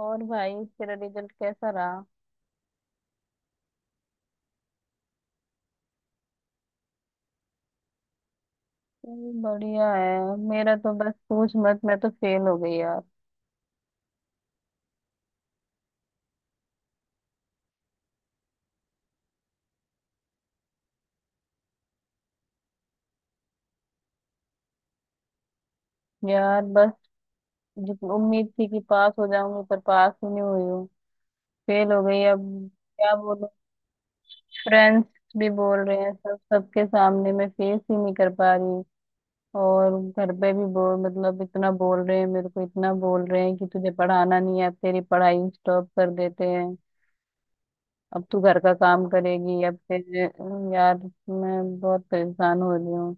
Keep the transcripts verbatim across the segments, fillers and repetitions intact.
और भाई तेरा रिजल्ट कैसा रहा? चल, बढ़िया है। मेरा तो बस पूछ मत, मैं तो फेल हो गई यार। यार बस जितनी उम्मीद थी कि पास हो जाऊंगी पर पास ही नहीं हुई हूँ। फेल हो गई अब। क्या बोलूं, फ्रेंड्स भी बोल रहे हैं, सब सबके सामने मैं फेस ही नहीं कर पा रही। और घर पे भी बोल, मतलब इतना बोल रहे हैं मेरे को, इतना बोल रहे हैं कि तुझे पढ़ाना नहीं है, अब तेरी पढ़ाई स्टॉप कर देते हैं। अब तू घर का काम करेगी। अब फिर अम, यार मैं बहुत परेशान हो रही हूँ।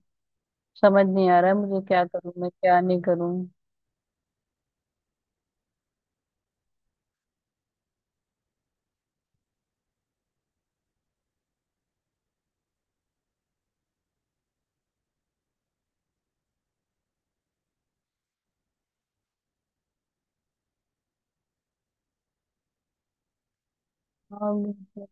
समझ नहीं आ रहा है मुझे, क्या करूँ मैं क्या नहीं करूँ। अब लगता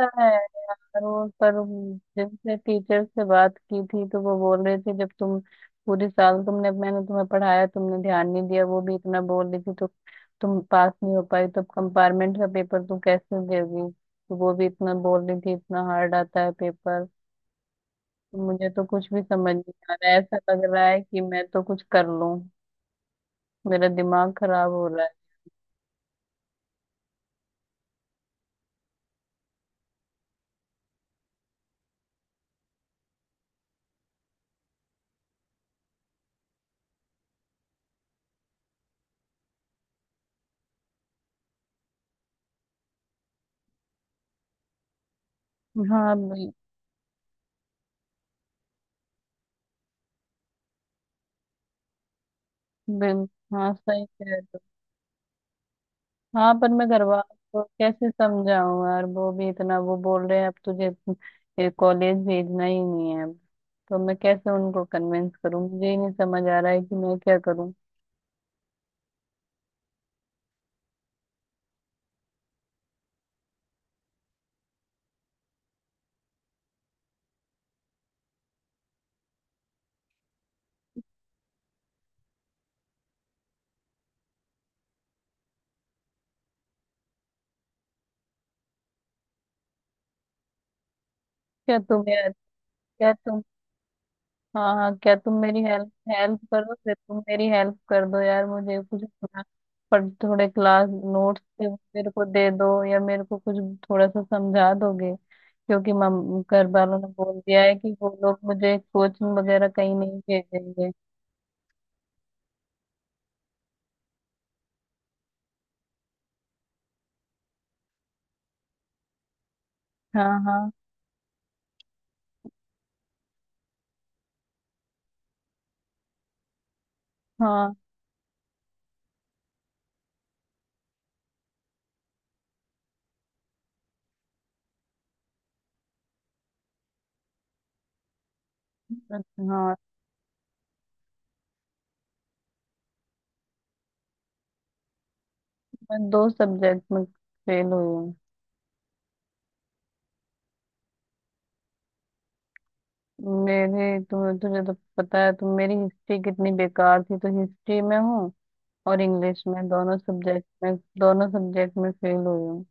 है यार वो, पर जिनसे टीचर से बात की थी तो वो बोल रहे थे, जब तुम पूरे साल तुमने मैंने तुम्हें पढ़ाया तुमने ध्यान नहीं दिया, वो भी इतना बोल रही थी। तो तुम पास नहीं हो पाई तो कंपार्टमेंट का पेपर तुम कैसे दोगी, तो वो भी इतना बोल रही थी, इतना हार्ड आता है पेपर। मुझे तो कुछ भी समझ नहीं आ रहा है, ऐसा लग रहा है कि मैं तो कुछ कर लूं, मेरा दिमाग खराब हो रहा है। हाँ बिल, बिल हाँ, सही कह रहे हो। हाँ पर मैं घर वालों को कैसे समझाऊं यार, वो भी इतना वो बोल रहे हैं अब तुझे कॉलेज भेजना ही नहीं है अब। तो मैं कैसे उनको कन्विंस करूं, मुझे ही नहीं समझ आ रहा है कि मैं क्या करूं। क्या तुम यार क्या तुम हाँ हाँ, क्या तुम मेरी हेल्प हेल्प करो? फिर तुम मेरी हेल्प कर दो यार, मुझे कुछ अपना, पर थोड़े क्लास नोट्स थे वो मेरे को दे दो, या मेरे को कुछ थोड़ा सा समझा दोगे, क्योंकि मम घर वालों ने बोल दिया है कि वो लोग मुझे कोचिंग वगैरह कहीं नहीं भेजेंगे। हाँ हाँ, हाँ हाँ। मैं दो सब्जेक्ट में फेल हुई हूँ। मेरी तुम्हें तुझे तो पता है, तुम मेरी हिस्ट्री कितनी बेकार थी, तो हिस्ट्री में हूँ और इंग्लिश में, दोनों सब्जेक्ट में दोनों सब्जेक्ट में फेल हुई हूँ।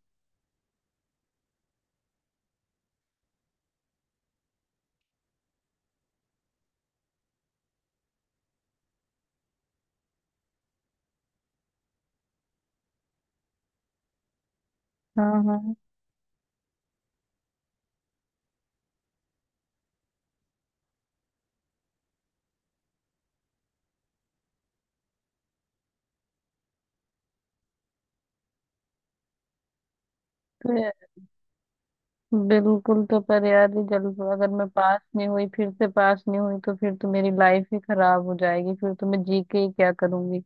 हाँ हाँ। तो ये- बिल्कुल, तो पर यार ये, जल्द अगर मैं पास नहीं हुई, फिर से पास नहीं हुई, तो फिर तो मेरी लाइफ ही खराब हो जाएगी, फिर तो मैं जी के ही क्या करूंगी।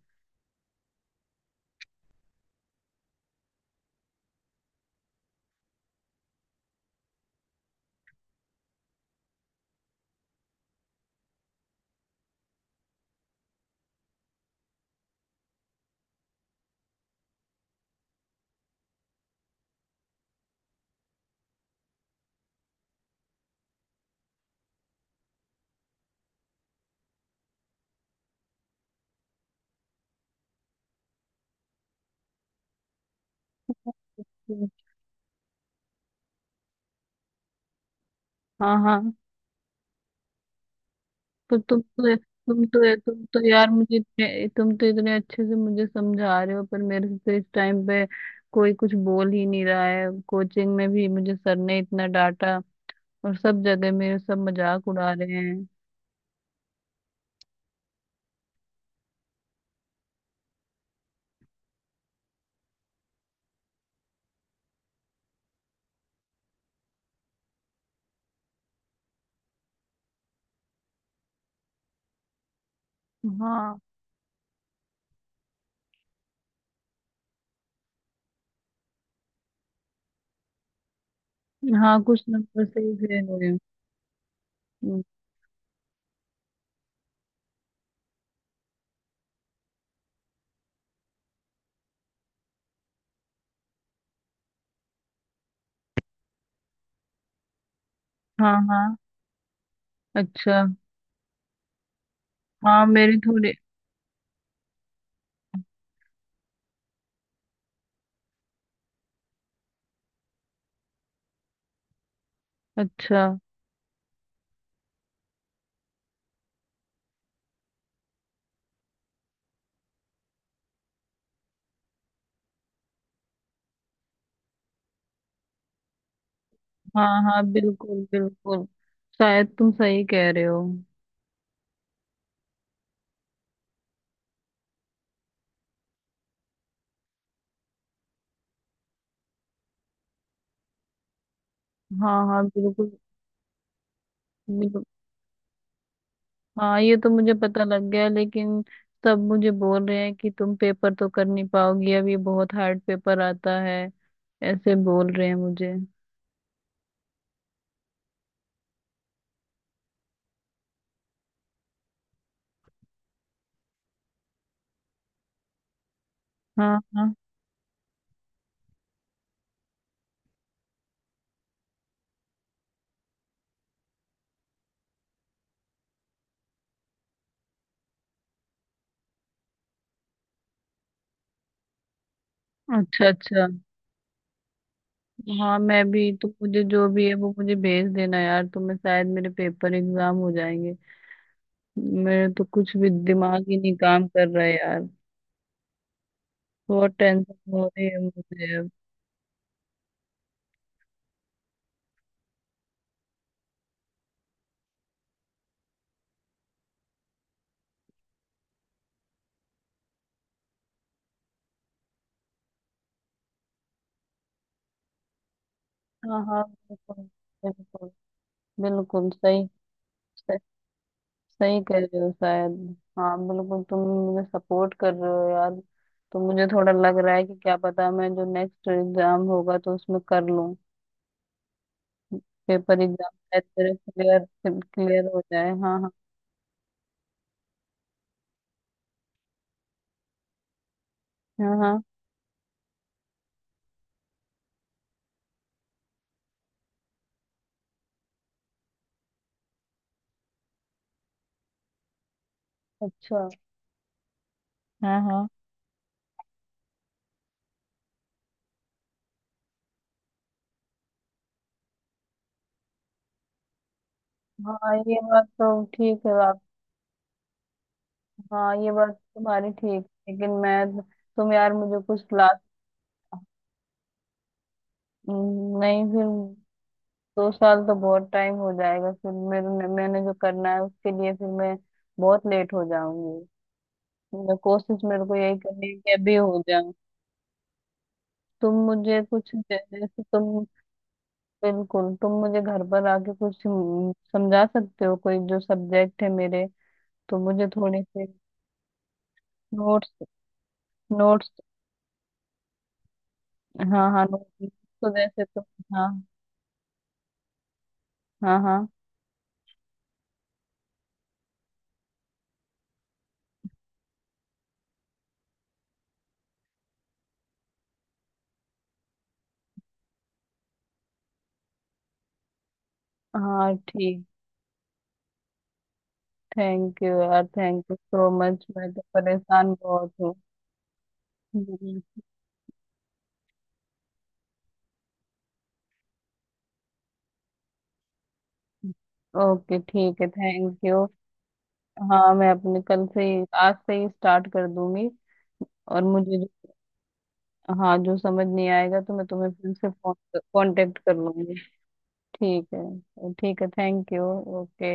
हाँ हाँ। तो तुम तो तुम तो तुम तो यार मुझे इतने- तुम तो इतने अच्छे से मुझे समझा रहे हो, पर मेरे से तो इस टाइम पे कोई कुछ बोल ही नहीं रहा है, कोचिंग में भी मुझे सर ने इतना डांटा और सब जगह मेरे सब मजाक उड़ा रहे हैं। हाँ हाँ, कुछ नंबर सही से हुए। हम्म, हाँ हाँ। अच्छा। हाँ मेरे थोड़े। अच्छा। हाँ हाँ बिल्कुल बिल्कुल, शायद तुम सही कह रहे हो। हाँ हाँ बिल्कुल बिल्कुल। हाँ ये तो मुझे पता लग गया, लेकिन सब मुझे बोल रहे हैं कि तुम पेपर तो कर नहीं पाओगी, अब ये बहुत हार्ड पेपर आता है, ऐसे बोल रहे हैं मुझे। हाँ हाँ। अच्छा अच्छा। हाँ मैं भी, तुम मुझे जो भी है वो मुझे भेज देना यार, तुम्हें, शायद मेरे पेपर एग्जाम हो जाएंगे। मेरे तो कुछ भी दिमाग ही नहीं काम कर रहा है यार, बहुत टेंशन हो रही है मुझे अब। हाँ हाँ बिल्कुल बिल्कुल, बिल्कुल सही सही, सही कह रहे हो शायद, हाँ बिल्कुल, तुम मुझे सपोर्ट कर रहे हो यार। तो मुझे थोड़ा लग रहा है कि क्या पता, मैं जो नेक्स्ट एग्जाम होगा तो उसमें कर लूँ, पेपर एग्जाम शायद मेरे क्लियर क्लियर हो जाए। हाँ हाँ, हाँ हाँ। अच्छा। हाँ हाँ। हाँ ये बात तो ठीक है। हाँ ये बात तुम्हारी ठीक, लेकिन मैं, तुम यार मुझे कुछ क्लास। नहीं फिर, दो साल तो बहुत टाइम हो जाएगा, फिर मेरे, मैंने जो करना है उसके लिए फिर मैं बहुत लेट हो जाऊंगी। मैं कोशिश मेरे को यही करनी है कि अभी हो जाऊं। तुम मुझे कुछ जै- जैसे तुम, बिल्कुल, तुम मुझे घर पर आके कुछ हम्म, समझा सकते हो, कोई जो सब्जेक्ट है मेरे, तो मुझे थोड़े से नोट्स। नोट्स। हाँ हाँ, नोट्स। तो जैसे तुम, हाँ हाँ हाँ। हाँ ठीक। थैंक यू यार, थैंक यू सो मच, मैं तो परेशान बहुत हूँ। ओके ठीक है, थैंक यू। हाँ मैं अपने कल से ही, आज से ही स्टार्ट कर दूंगी। और मुझे जो, हाँ जो समझ नहीं आएगा तो मैं तुम्हें फिर से कांटेक्ट कर लूंगी। ठीक है, ठीक है, थैंक यू, ओके।